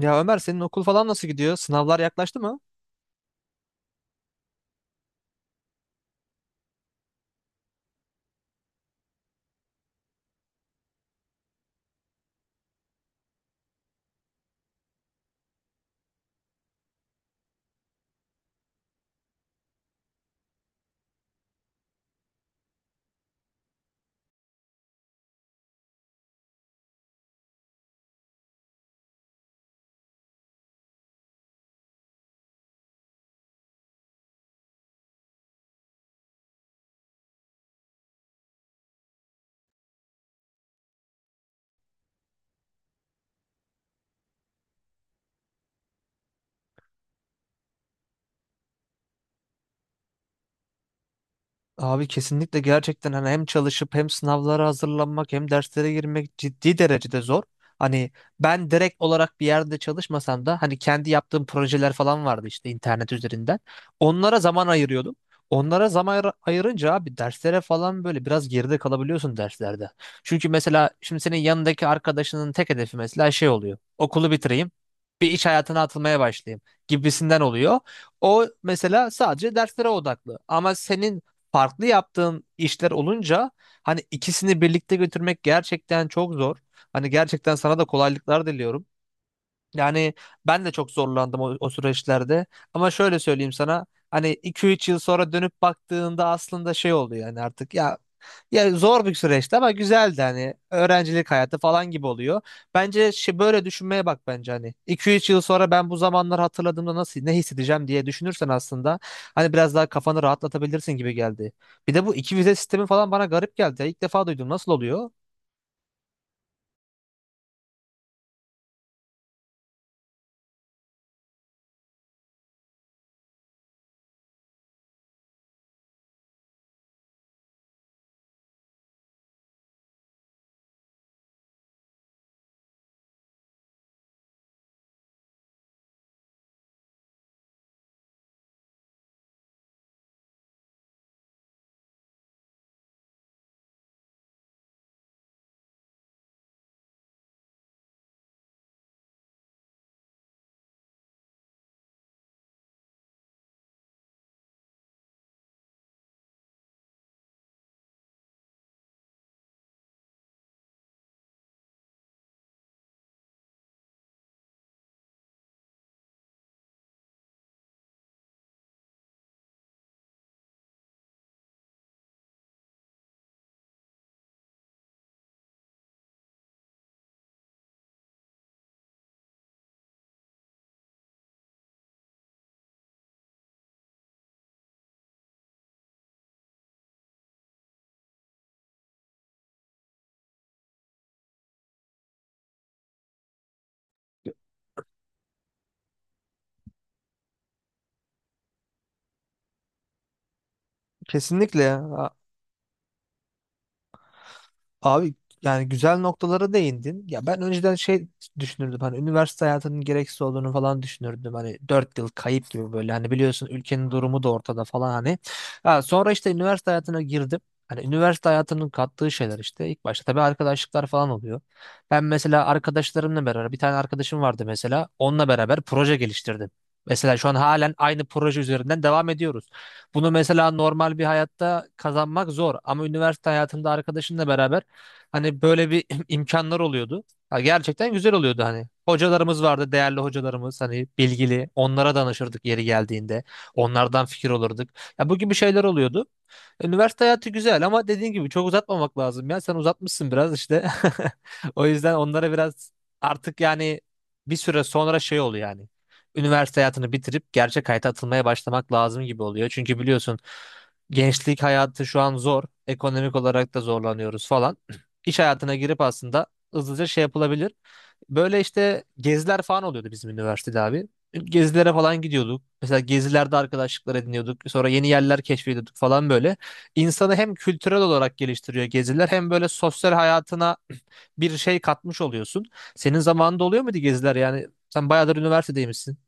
Ya Ömer senin okul falan nasıl gidiyor? Sınavlar yaklaştı mı? Abi kesinlikle gerçekten hani hem çalışıp hem sınavlara hazırlanmak hem derslere girmek ciddi derecede zor. Hani ben direkt olarak bir yerde çalışmasam da hani kendi yaptığım projeler falan vardı işte internet üzerinden. Onlara zaman ayırıyordum. Onlara zaman ayırınca abi derslere falan böyle biraz geride kalabiliyorsun derslerde. Çünkü mesela şimdi senin yanındaki arkadaşının tek hedefi mesela şey oluyor. Okulu bitireyim, bir iş hayatına atılmaya başlayayım gibisinden oluyor. O mesela sadece derslere odaklı. Ama senin farklı yaptığın işler olunca hani ikisini birlikte götürmek gerçekten çok zor. Hani gerçekten sana da kolaylıklar diliyorum. Yani ben de çok zorlandım o süreçlerde. Ama şöyle söyleyeyim sana. Hani iki üç yıl sonra dönüp baktığında aslında şey oluyor yani artık ya, zor bir süreçti ama güzeldi hani öğrencilik hayatı falan gibi oluyor. Bence şey, böyle düşünmeye bak bence hani iki üç yıl sonra ben bu zamanlar hatırladığımda nasıl ne hissedeceğim diye düşünürsen aslında hani biraz daha kafanı rahatlatabilirsin gibi geldi. Bir de bu iki vize sistemi falan bana garip geldi. İlk defa duydum. Nasıl oluyor? Kesinlikle. Abi yani güzel noktalara değindin. Ya ben önceden şey düşünürdüm hani üniversite hayatının gereksiz olduğunu falan düşünürdüm. Hani 4 yıl kayıp gibi böyle hani biliyorsun ülkenin durumu da ortada falan hani. Ha, sonra işte üniversite hayatına girdim. Hani üniversite hayatının kattığı şeyler işte ilk başta tabii arkadaşlıklar falan oluyor. Ben mesela arkadaşlarımla beraber bir tane arkadaşım vardı mesela onunla beraber proje geliştirdim. Mesela şu an halen aynı proje üzerinden devam ediyoruz. Bunu mesela normal bir hayatta kazanmak zor ama üniversite hayatında arkadaşınla beraber hani böyle bir imkanlar oluyordu. Ha, gerçekten güzel oluyordu hani. Hocalarımız vardı, değerli hocalarımız hani bilgili. Onlara danışırdık yeri geldiğinde. Onlardan fikir olurduk. Ya bu gibi şeyler oluyordu. Üniversite hayatı güzel ama dediğin gibi çok uzatmamak lazım ya. Sen uzatmışsın biraz işte. O yüzden onlara biraz artık yani bir süre sonra şey oluyor yani. Üniversite hayatını bitirip gerçek hayata atılmaya başlamak lazım gibi oluyor. Çünkü biliyorsun gençlik hayatı şu an zor. Ekonomik olarak da zorlanıyoruz falan. İş hayatına girip aslında hızlıca şey yapılabilir. Böyle işte geziler falan oluyordu bizim üniversitede abi. Gezilere falan gidiyorduk. Mesela gezilerde arkadaşlıklar ediniyorduk. Sonra yeni yerler keşfediyorduk falan böyle insanı hem kültürel olarak geliştiriyor geziler hem böyle sosyal hayatına bir şey katmış oluyorsun. Senin zamanında oluyor muydu geziler? Yani sen bayağıdır üniversitedeymişsin.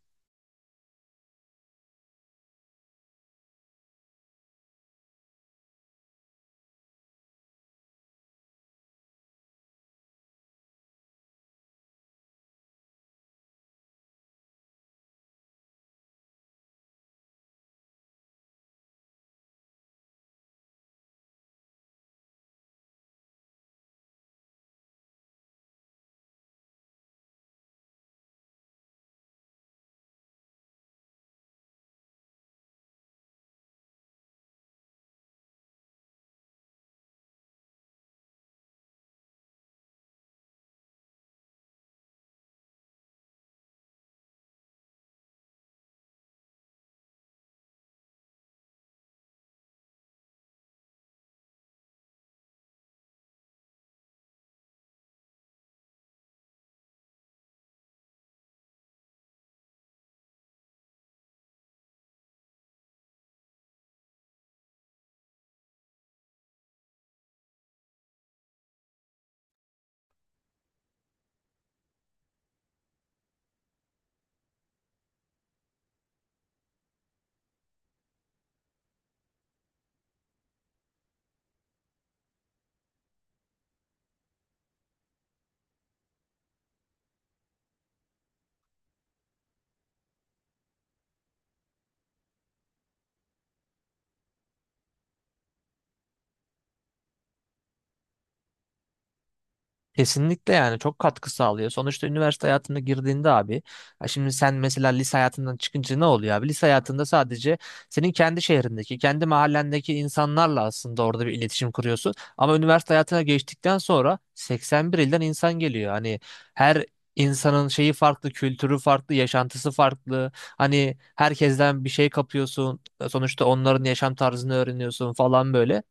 Kesinlikle yani çok katkı sağlıyor. Sonuçta üniversite hayatına girdiğinde abi, ha şimdi sen mesela lise hayatından çıkınca ne oluyor abi? Lise hayatında sadece senin kendi şehrindeki, kendi mahallendeki insanlarla aslında orada bir iletişim kuruyorsun. Ama üniversite hayatına geçtikten sonra 81 ilden insan geliyor. Hani her insanın şeyi farklı, kültürü farklı, yaşantısı farklı. Hani herkesten bir şey kapıyorsun. Sonuçta onların yaşam tarzını öğreniyorsun falan böyle.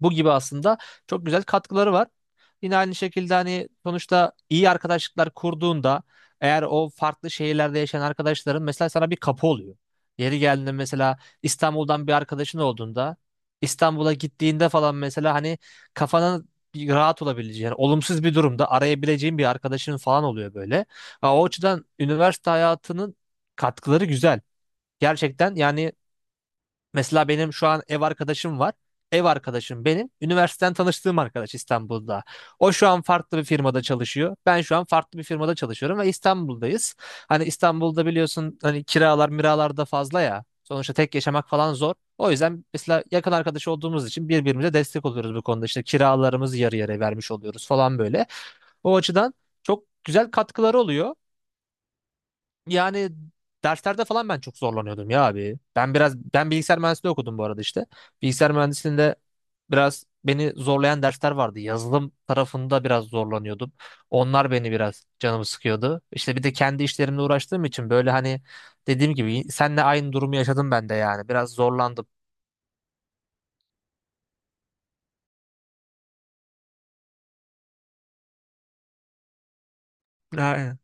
Bu gibi aslında çok güzel katkıları var. Yine aynı şekilde hani sonuçta iyi arkadaşlıklar kurduğunda eğer o farklı şehirlerde yaşayan arkadaşların mesela sana bir kapı oluyor. Yeri geldiğinde mesela İstanbul'dan bir arkadaşın olduğunda İstanbul'a gittiğinde falan mesela hani kafanın bir rahat olabileceği yani olumsuz bir durumda arayabileceğin bir arkadaşın falan oluyor böyle. Ha, o açıdan üniversite hayatının katkıları güzel. Gerçekten yani mesela benim şu an ev arkadaşım var. Ev arkadaşım benim üniversiteden tanıştığım arkadaş İstanbul'da. O şu an farklı bir firmada çalışıyor. Ben şu an farklı bir firmada çalışıyorum ve İstanbul'dayız. Hani İstanbul'da biliyorsun hani kiralar miralar da fazla ya. Sonuçta tek yaşamak falan zor. O yüzden mesela yakın arkadaş olduğumuz için birbirimize destek oluyoruz bu konuda. İşte kiralarımızı yarı yarıya vermiş oluyoruz falan böyle. O açıdan çok güzel katkıları oluyor. Yani derslerde falan ben çok zorlanıyordum ya abi. Ben biraz bilgisayar mühendisliği okudum bu arada işte. Bilgisayar mühendisliğinde biraz beni zorlayan dersler vardı. Yazılım tarafında biraz zorlanıyordum. Onlar beni biraz canımı sıkıyordu. İşte bir de kendi işlerimle uğraştığım için böyle hani dediğim gibi senle aynı durumu yaşadım ben de yani. Biraz zorlandım. Aynen.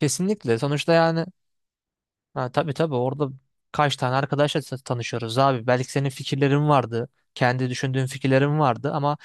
Kesinlikle. Sonuçta yani ha, tabii tabii orada kaç tane arkadaşla tanışıyoruz abi. Belki senin fikirlerin vardı. Kendi düşündüğün fikirlerin vardı ama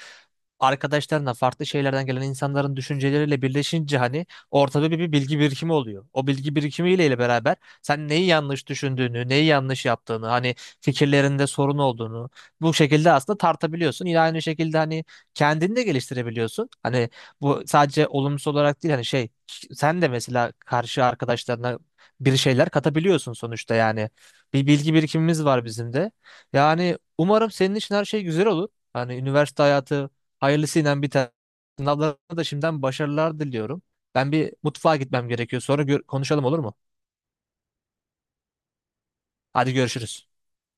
arkadaşlarına farklı şeylerden gelen insanların düşünceleriyle birleşince hani ortada bir bilgi birikimi oluyor. O bilgi birikimiyle ile beraber sen neyi yanlış düşündüğünü, neyi yanlış yaptığını, hani fikirlerinde sorun olduğunu bu şekilde aslında tartabiliyorsun. Yine aynı şekilde hani kendini de geliştirebiliyorsun. Hani bu sadece olumsuz olarak değil hani şey sen de mesela karşı arkadaşlarına bir şeyler katabiliyorsun sonuçta yani. Bir bilgi birikimimiz var bizim de. Yani umarım senin için her şey güzel olur. Hani üniversite hayatı hayırlısıyla bir tane. Sınavlarına da şimdiden başarılar diliyorum. Ben bir mutfağa gitmem gerekiyor. Sonra konuşalım olur mu? Hadi görüşürüz.